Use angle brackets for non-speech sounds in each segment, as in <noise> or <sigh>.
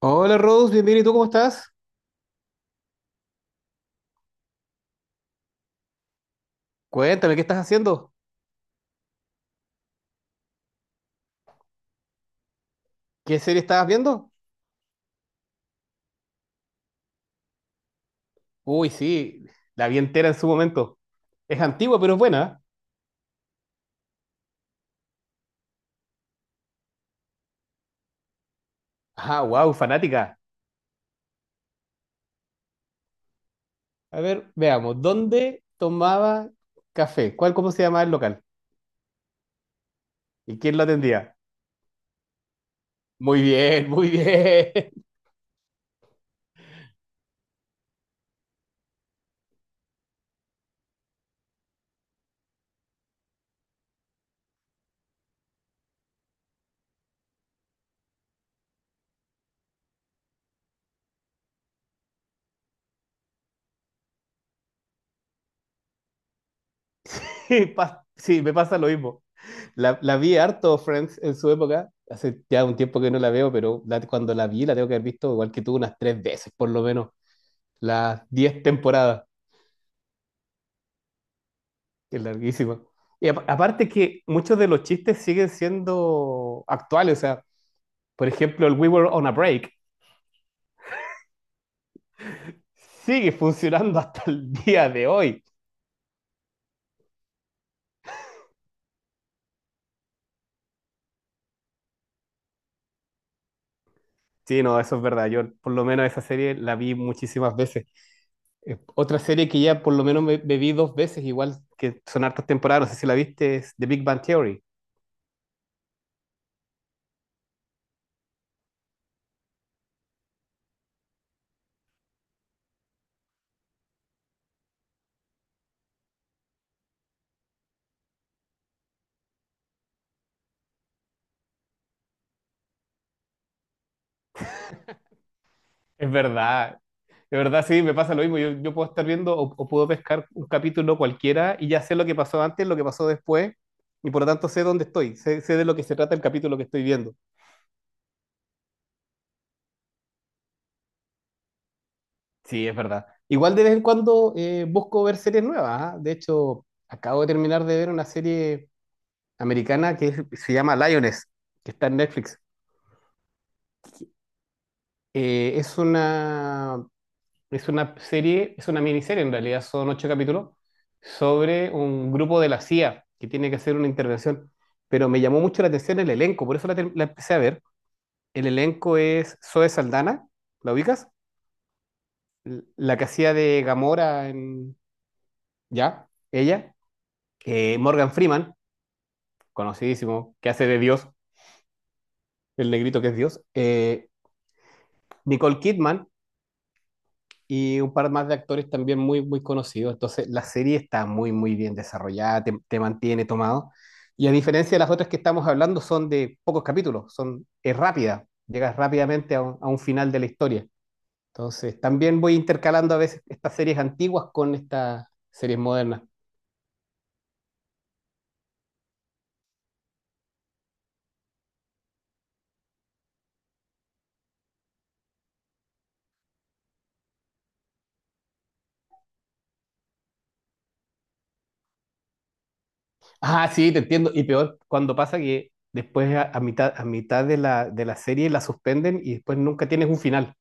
Hola Rose, bienvenido. ¿Y tú cómo estás? Cuéntame, ¿qué estás haciendo? ¿Qué serie estabas viendo? Uy, sí, la vi entera en su momento. Es antigua, pero es buena. Ah, wow, fanática. A ver, veamos, ¿dónde tomaba café? ¿Cuál, cómo se llamaba el local? ¿Y quién lo atendía? Muy bien, muy bien. <laughs> Sí, me pasa lo mismo. La vi harto, Friends, en su época. Hace ya un tiempo que no la veo, pero cuando la vi la tengo que haber visto igual que tú unas tres veces, por lo menos, las diez temporadas. Es larguísimo. Y aparte que muchos de los chistes siguen siendo actuales. O sea, por ejemplo, el We Were on a Break sigue funcionando <laughs> hasta el día de hoy. Sí, no, eso es verdad. Yo por lo menos esa serie la vi muchísimas veces. Otra serie que ya por lo menos me vi dos veces, igual que son hartas temporadas, no sé si la viste, es The Big Bang Theory. Es verdad, de verdad sí, me pasa lo mismo. Yo puedo estar viendo o puedo pescar un capítulo cualquiera y ya sé lo que pasó antes, lo que pasó después, y por lo tanto sé dónde estoy, sé de lo que se trata el capítulo que estoy viendo. Sí, es verdad. Igual de vez en cuando busco ver series nuevas. ¿Ah? De hecho, acabo de terminar de ver una serie americana que se llama Lioness, que está en Netflix. Eh, es una Es una serie, es una miniserie en realidad, son ocho capítulos sobre un grupo de la CIA que tiene que hacer una intervención. Pero me llamó mucho la atención el elenco, por eso la empecé a ver. El elenco es Zoe Saldana, ¿la ubicas? La que hacía de Gamora en... ¿Ya? Ella. Morgan Freeman, conocidísimo, que hace de Dios, el negrito que es Dios. Nicole Kidman, y un par más de actores también muy conocidos. Entonces, la serie está muy bien desarrollada, te mantiene tomado. Y a diferencia de las otras que estamos hablando, son de pocos capítulos, son, es rápida, llegas rápidamente a a un final de la historia. Entonces, también voy intercalando a veces estas series antiguas con estas series modernas. Ah, sí, te entiendo. Y peor, cuando pasa que después a mitad de de la serie la suspenden y después nunca tienes un final.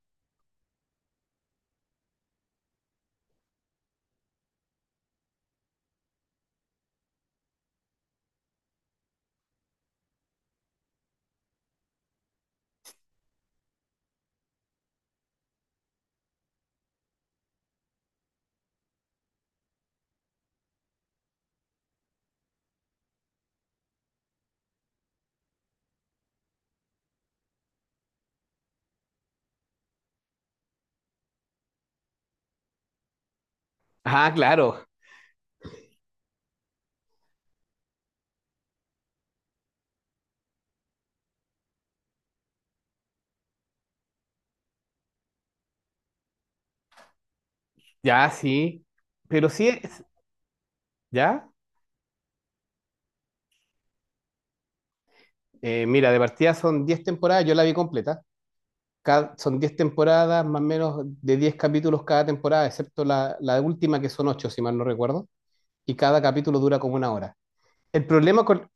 Ah, claro, ya, sí. Pero sí, es, ¿ya? Mira, de partida son 10 temporadas, yo la vi completa. Son 10 temporadas, más o menos de 10 capítulos cada temporada, excepto la última que son 8, si mal no recuerdo, y cada capítulo dura como una hora. El problema con,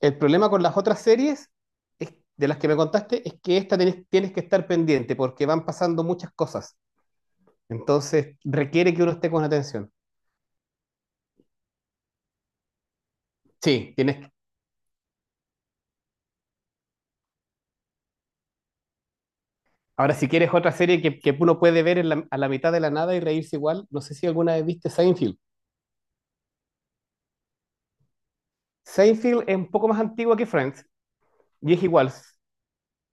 el problema con las otras series de las que me contaste es que esta tienes que estar pendiente porque van pasando muchas cosas. Entonces requiere que uno esté con atención. Sí, tienes. Ahora, si quieres otra serie que uno puede ver en a la mitad de la nada y reírse igual, no sé si alguna vez viste Seinfeld. Seinfeld es un poco más antigua que Friends y es igual.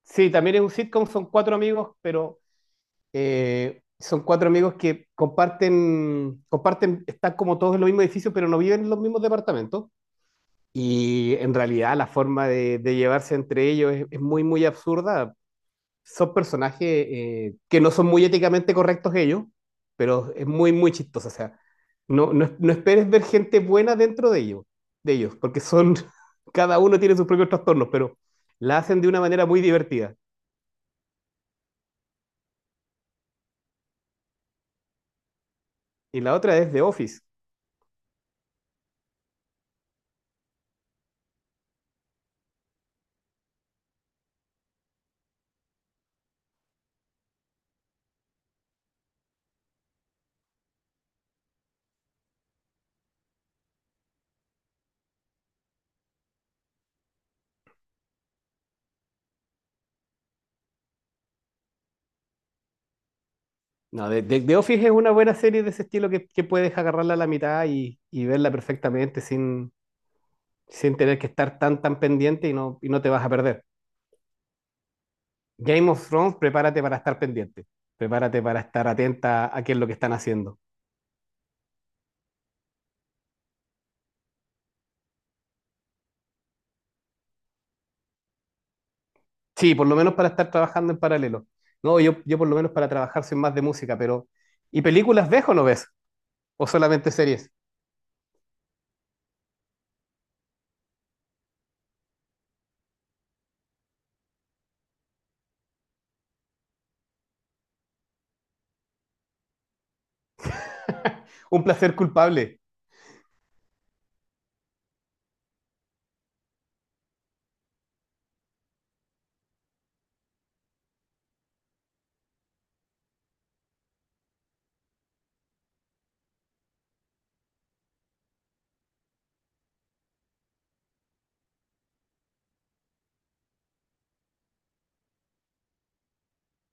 Sí, también es un sitcom, son cuatro amigos, pero son cuatro amigos que comparten, comparten, están como todos en los mismos edificios, pero no viven en los mismos departamentos. Y en realidad la forma de llevarse entre ellos es muy, muy absurda son personajes que no son muy éticamente correctos ellos, pero es muy, muy chistoso. O sea, no esperes ver gente buena dentro de ellos, porque son, <laughs> cada uno tiene sus propios trastornos, pero la hacen de una manera muy divertida. Y la otra es The Office. No, The Office es una buena serie de ese estilo que puedes agarrarla a la mitad y verla perfectamente sin, sin tener que estar tan, tan pendiente y y no te vas a perder. Game of Thrones, prepárate para estar pendiente, prepárate para estar atenta a qué es lo que están haciendo. Sí, por lo menos para estar trabajando en paralelo. No, yo por lo menos para trabajar soy más de música, pero ¿y películas ves o no ves? ¿O solamente series? <laughs> Un placer culpable.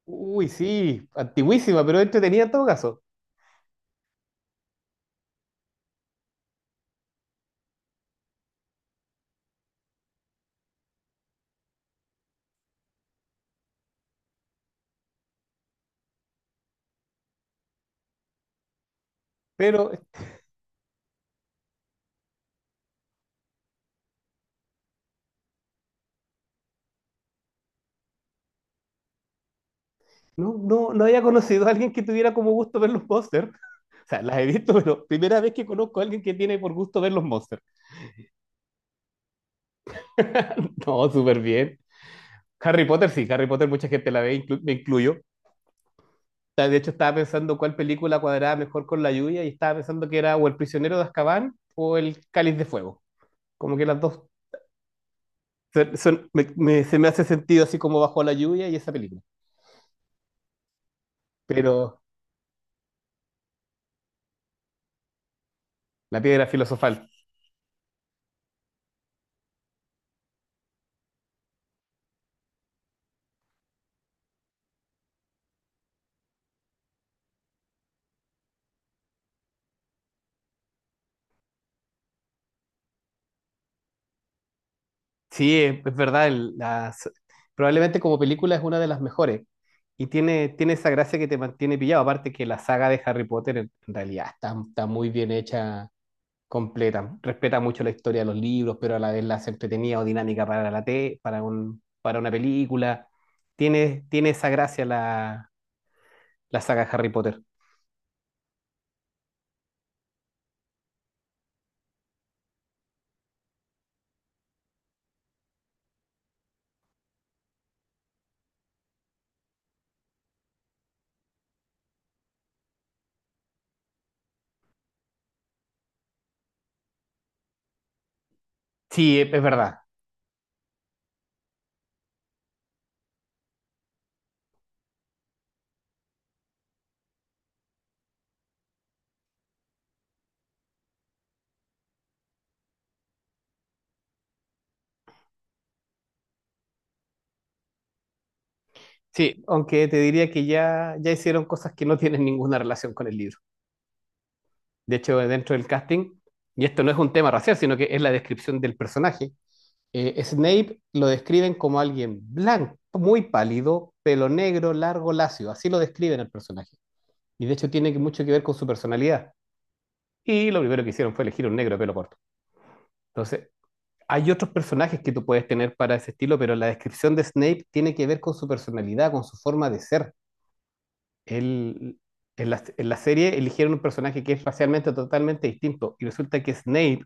Uy, sí, antiguísima, pero entretenida en todo caso. Pero no había conocido a alguien que tuviera como gusto ver los monsters. O sea, las he visto, pero primera vez que conozco a alguien que tiene por gusto ver los monsters. <laughs> No, súper bien. Harry Potter, sí, Harry Potter, mucha gente la ve, me incluyo. De hecho, estaba pensando cuál película cuadraba mejor con la lluvia y estaba pensando que era o El prisionero de Azkaban o El Cáliz de Fuego. Como que las dos se me hace sentido así como bajo la lluvia y esa película. Pero La piedra filosofal. Sí, es verdad, probablemente como película es una de las mejores y tiene, tiene esa gracia que te mantiene pillado. Aparte que la saga de Harry Potter en realidad está, está muy bien hecha completa. Respeta mucho la historia de los libros, pero a la vez la hace entretenida o dinámica para para un, para una película. Tiene, tiene esa gracia la saga Harry Potter. Sí, es verdad. Sí, aunque te diría ya hicieron cosas que no tienen ninguna relación con el libro. De hecho, dentro del casting, y esto no es un tema racial, sino que es la descripción del personaje, Snape lo describen como alguien blanco, muy pálido, pelo negro, largo, lacio. Así lo describen el personaje. Y de hecho mucho que ver con su personalidad. Y lo primero que hicieron fue elegir un negro de pelo corto. Entonces, hay otros personajes que tú puedes tener para ese estilo, pero la descripción de Snape tiene que ver con su personalidad, con su forma de ser. Él, en en la serie eligieron un personaje que es racialmente totalmente distinto. Y resulta que Snape,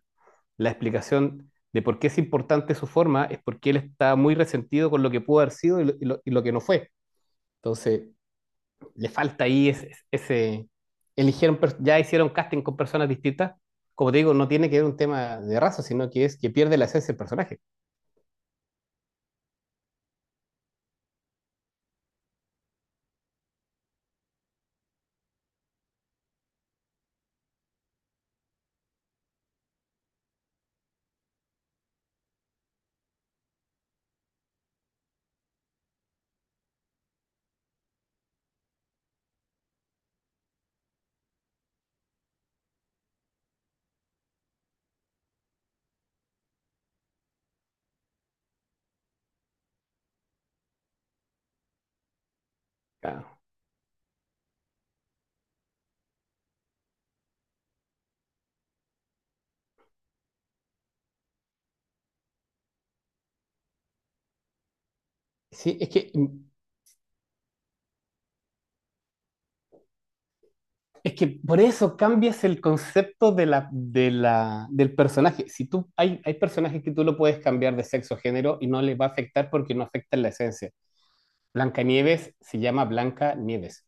la explicación de por qué es importante su forma es porque él está muy resentido con lo que pudo haber sido y lo que no fue. Entonces, le falta ahí eligieron, ya hicieron casting con personas distintas. Como te digo, no tiene que ver un tema de raza, sino que es que pierde la esencia del personaje. Claro. Sí, es que por eso cambias el concepto de del personaje. Si tú, hay personajes que tú lo puedes cambiar de sexo o género y no les va a afectar porque no afecta la esencia. Blancanieves se llama Blanca Nieves.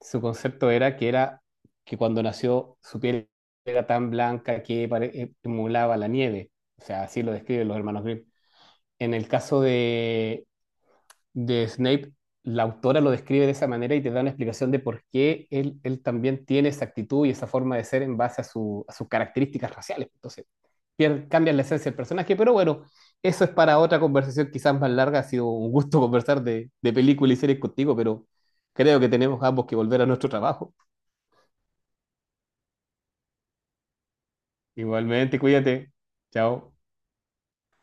Su concepto era que cuando nació su piel era tan blanca que emulaba la nieve. O sea, así lo describen los hermanos Grimm. En el caso de Snape, la autora lo describe de esa manera y te da una explicación de por qué él también tiene esa actitud y esa forma de ser en base a, a sus características raciales. Entonces, cambian la esencia del personaje, pero bueno, eso es para otra conversación quizás más larga. Ha sido un gusto <laughs> conversar de películas y series contigo, pero creo que tenemos ambos que volver a nuestro trabajo. Igualmente, cuídate. Chao.